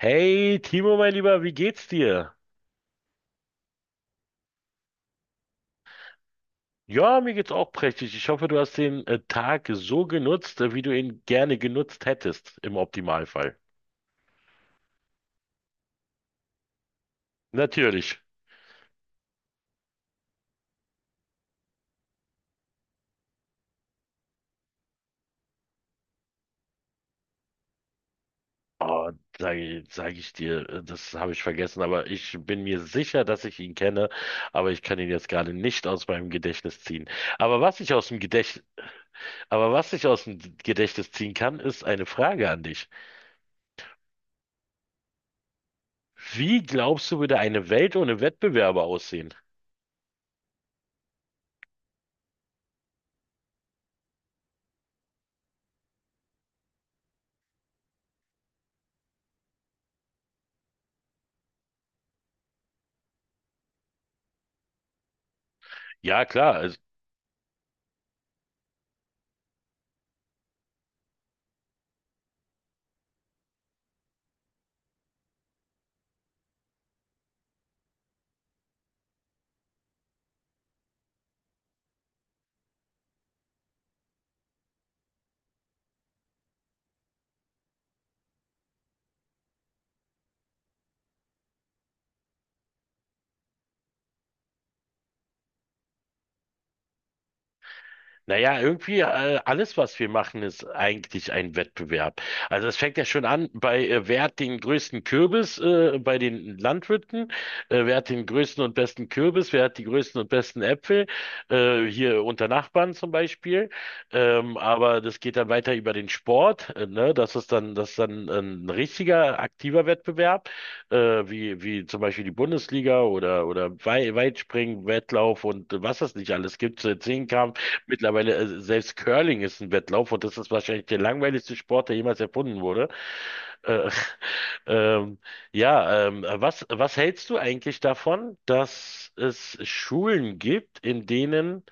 Hey Timo, mein Lieber, wie geht's dir? Ja, mir geht's auch prächtig. Ich hoffe, du hast den Tag so genutzt, wie du ihn gerne genutzt hättest, im Optimalfall. Natürlich. Oh, sag ich dir, das habe ich vergessen, aber ich bin mir sicher, dass ich ihn kenne, aber ich kann ihn jetzt gerade nicht aus meinem Gedächtnis ziehen. Aber was ich aus dem Gedächt, aber was ich aus dem Gedächtnis ziehen kann, ist eine Frage an dich. Wie glaubst du, würde eine Welt ohne Wettbewerber aussehen? Ja, klar, also. Naja, irgendwie alles, was wir machen, ist eigentlich ein Wettbewerb. Also es fängt ja schon an bei, wer hat den größten Kürbis bei den Landwirten, wer hat den größten und besten Kürbis, wer hat die größten und besten Äpfel, hier unter Nachbarn zum Beispiel. Aber das geht dann weiter über den Sport, ne? Das ist dann ein richtiger, aktiver Wettbewerb, äh, wie zum Beispiel die Bundesliga oder, Weitspringen, Wettlauf und was es nicht alles gibt, Zehnkampf. Mittlerweile, selbst Curling ist ein Wettlauf und das ist wahrscheinlich der langweiligste Sport, der jemals erfunden wurde. Äh, ähm, ja, was hältst du eigentlich davon, dass es Schulen gibt, in denen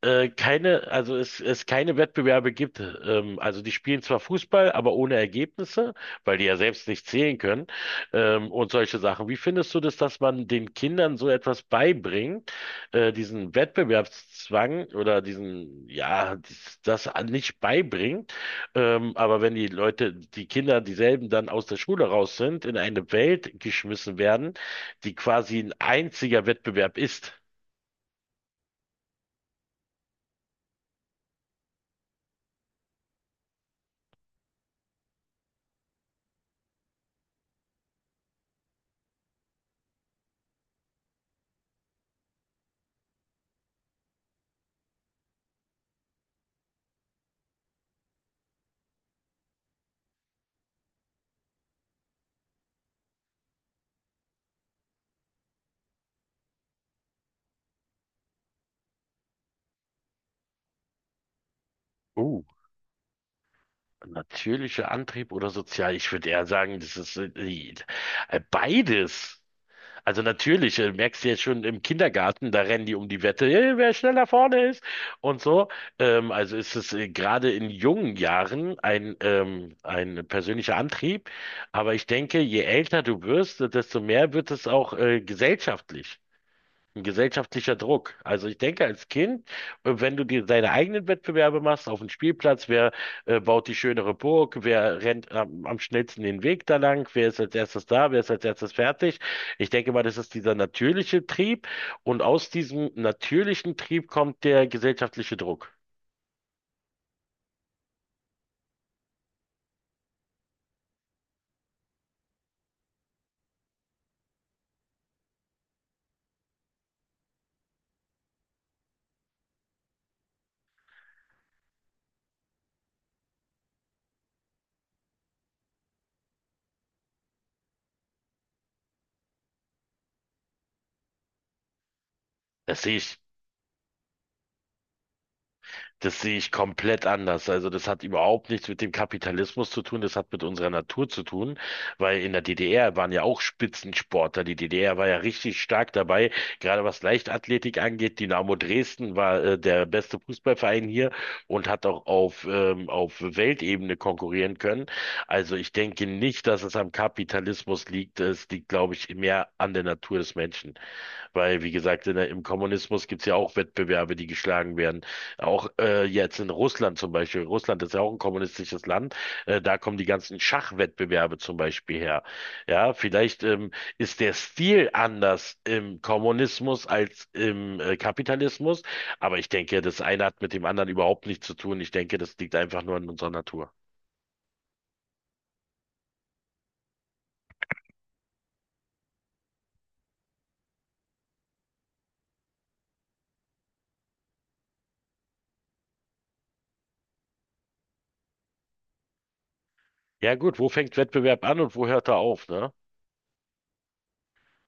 keine, also es keine Wettbewerbe gibt. Also die spielen zwar Fußball, aber ohne Ergebnisse, weil die ja selbst nicht zählen können, und solche Sachen. Wie findest du das, dass man den Kindern so etwas beibringt, diesen Wettbewerbszwang oder diesen, ja, nicht beibringt? Aber wenn die Leute, die Kinder, dieselben dann aus der Schule raus sind, in eine Welt geschmissen werden, die quasi ein einziger Wettbewerb ist. Uh. Natürlicher Antrieb oder sozial? Ich würde eher sagen, das ist beides. Also natürlich, merkst du jetzt schon im Kindergarten, da rennen die um die Wette, hey, wer schneller vorne ist und so. Also ist es gerade in jungen Jahren ein persönlicher Antrieb. Aber ich denke, je älter du wirst, desto mehr wird es auch gesellschaftlich. Ein gesellschaftlicher Druck. Also ich denke, als Kind, wenn du dir deine eigenen Wettbewerbe machst auf dem Spielplatz, wer baut die schönere Burg, wer rennt am schnellsten den Weg da lang, wer ist als erstes da, wer ist als erstes fertig. Ich denke mal, das ist dieser natürliche Trieb und aus diesem natürlichen Trieb kommt der gesellschaftliche Druck. Das sehe ich Das sehe ich komplett anders. Also das hat überhaupt nichts mit dem Kapitalismus zu tun, das hat mit unserer Natur zu tun, weil in der DDR waren ja auch Spitzensportler. Die DDR war ja richtig stark dabei, gerade was Leichtathletik angeht. Dynamo Dresden war der beste Fußballverein hier und hat auch auf Weltebene konkurrieren können. Also ich denke nicht, dass es am Kapitalismus liegt. Es liegt, glaube ich, mehr an der Natur des Menschen. Weil, wie gesagt, im Kommunismus gibt es ja auch Wettbewerbe, die geschlagen werden. Auch jetzt in Russland zum Beispiel. Russland ist ja auch ein kommunistisches Land. Da kommen die ganzen Schachwettbewerbe zum Beispiel her. Ja, vielleicht ist der Stil anders im Kommunismus als im Kapitalismus. Aber ich denke, das eine hat mit dem anderen überhaupt nichts zu tun. Ich denke, das liegt einfach nur in unserer Natur. Ja gut, wo fängt Wettbewerb an und wo hört er auf, ne?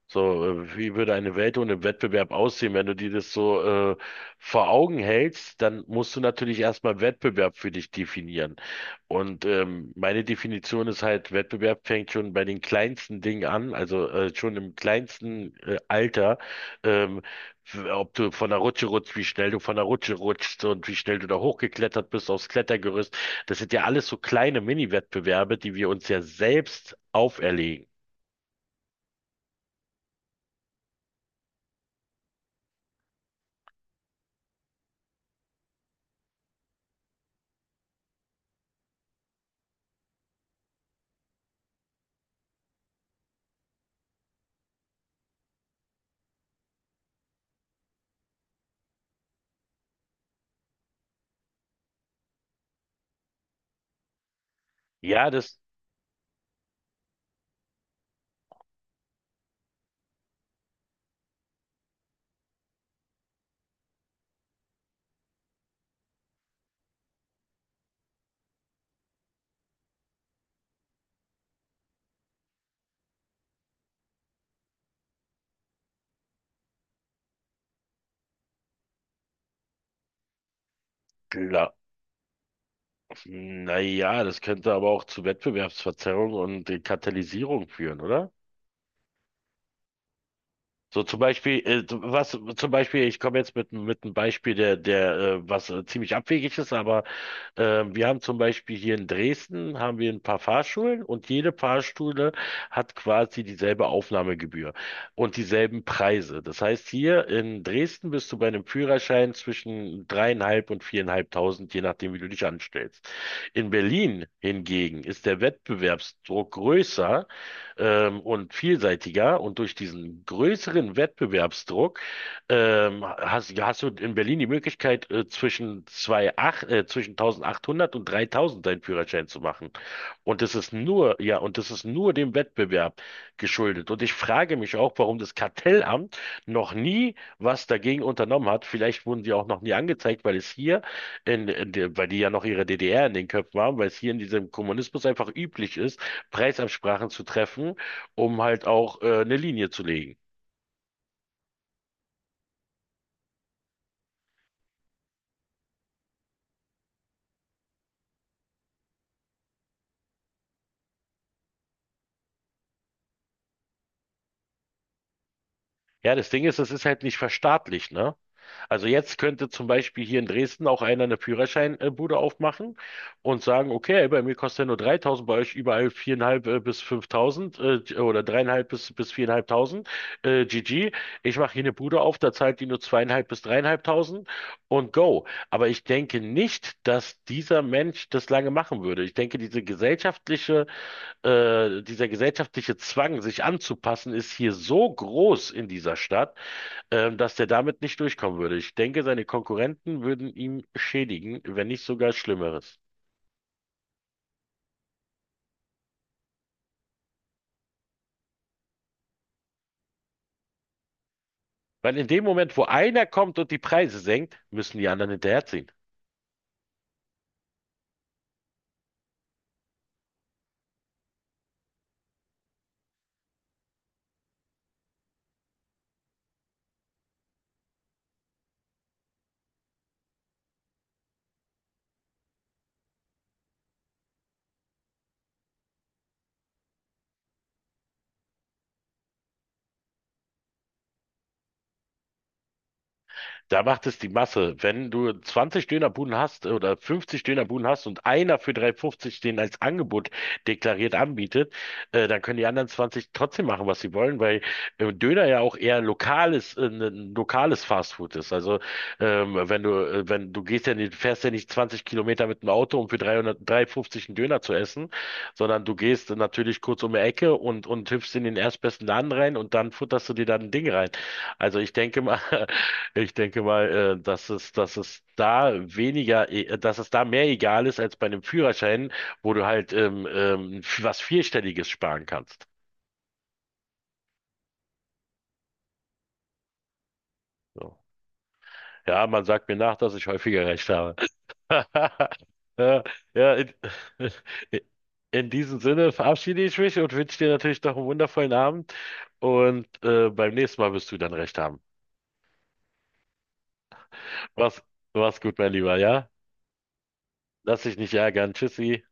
So, wie würde eine Welt ohne Wettbewerb aussehen? Wenn du dir das so äh, vor Augen hältst, dann musst du natürlich erstmal Wettbewerb für dich definieren. Und meine Definition ist halt, Wettbewerb fängt schon bei den kleinsten Dingen an, also schon im kleinsten Alter. Ähm, Ob du von der Rutsche rutschst, wie schnell du von der Rutsche rutschst und wie schnell du da hochgeklettert bist aufs Klettergerüst. Das sind ja alles so kleine Mini-Wettbewerbe, die wir uns ja selbst auferlegen. Ja, das. Naja, das könnte aber auch zu Wettbewerbsverzerrung und Katalysierung führen, oder? So zum Beispiel, so, was zum Beispiel, ich komme jetzt mit, einem Beispiel, der, der, was ziemlich abwegig ist, aber wir haben zum Beispiel hier in Dresden haben wir ein paar Fahrschulen und jede Fahrschule hat quasi dieselbe Aufnahmegebühr und dieselben Preise. Das heißt, hier in Dresden bist du bei einem Führerschein zwischen dreieinhalb und viereinhalbtausend, je nachdem, wie du dich anstellst. In Berlin hingegen ist der Wettbewerbsdruck größer und vielseitiger und durch diesen größeren Wettbewerbsdruck hast du in Berlin die Möglichkeit, zwischen 1800 und 3000 deinen Führerschein zu machen. Und das ist nur, und das ist nur dem Wettbewerb geschuldet. Und ich frage mich auch, warum das Kartellamt noch nie was dagegen unternommen hat. Vielleicht wurden die auch noch nie angezeigt, weil es hier, in der, weil die ja noch ihre DDR in den Köpfen haben, weil es hier in diesem Kommunismus einfach üblich ist, Preisabsprachen zu treffen, um halt auch eine Linie zu legen. Ja, das Ding ist, es ist halt nicht verstaatlicht, ne? Also jetzt könnte zum Beispiel hier in Dresden auch einer eine Führerscheinbude aufmachen und sagen, okay, bei mir kostet er nur 3.000, bei euch überall 4.500 bis 5.000 oder dreieinhalb bis 4.500 GG. Ich mache hier eine Bude auf, da zahlt die nur zweieinhalb bis dreieinhalbtausend und go. Aber ich denke nicht, dass dieser Mensch das lange machen würde. Ich denke, dieser gesellschaftliche Zwang, sich anzupassen, ist hier so groß in dieser Stadt, dass der damit nicht durchkommen würde. Ich denke, seine Konkurrenten würden ihm schädigen, wenn nicht sogar Schlimmeres. Weil in dem Moment, wo einer kommt und die Preise senkt, müssen die anderen hinterherziehen. Da macht es die Masse. Wenn du 20 Dönerbuden hast oder 50 Dönerbuden hast und einer für 3,50 den als Angebot deklariert anbietet, dann können die anderen 20 trotzdem machen, was sie wollen, weil Döner ja auch eher ein lokales Fastfood ist. Also wenn du gehst ja nicht, fährst ja nicht 20 Kilometer mit dem Auto, um für 300, 3,50 einen Döner zu essen, sondern du gehst natürlich kurz um die Ecke und hüpfst in den erstbesten Laden rein und dann futterst du dir dann ein Ding rein. Also ich denke mal, dass es da mehr egal ist als bei einem Führerschein, wo du halt was Vierstelliges sparen kannst. So. Ja, man sagt mir nach, dass ich häufiger recht habe. Ja, ja, in diesem Sinne verabschiede ich mich und wünsche dir natürlich noch einen wundervollen Abend. Und beim nächsten Mal wirst du dann recht haben. Was, Mach's, mach's, gut, mein Lieber, ja? Lass dich nicht ärgern. Tschüssi.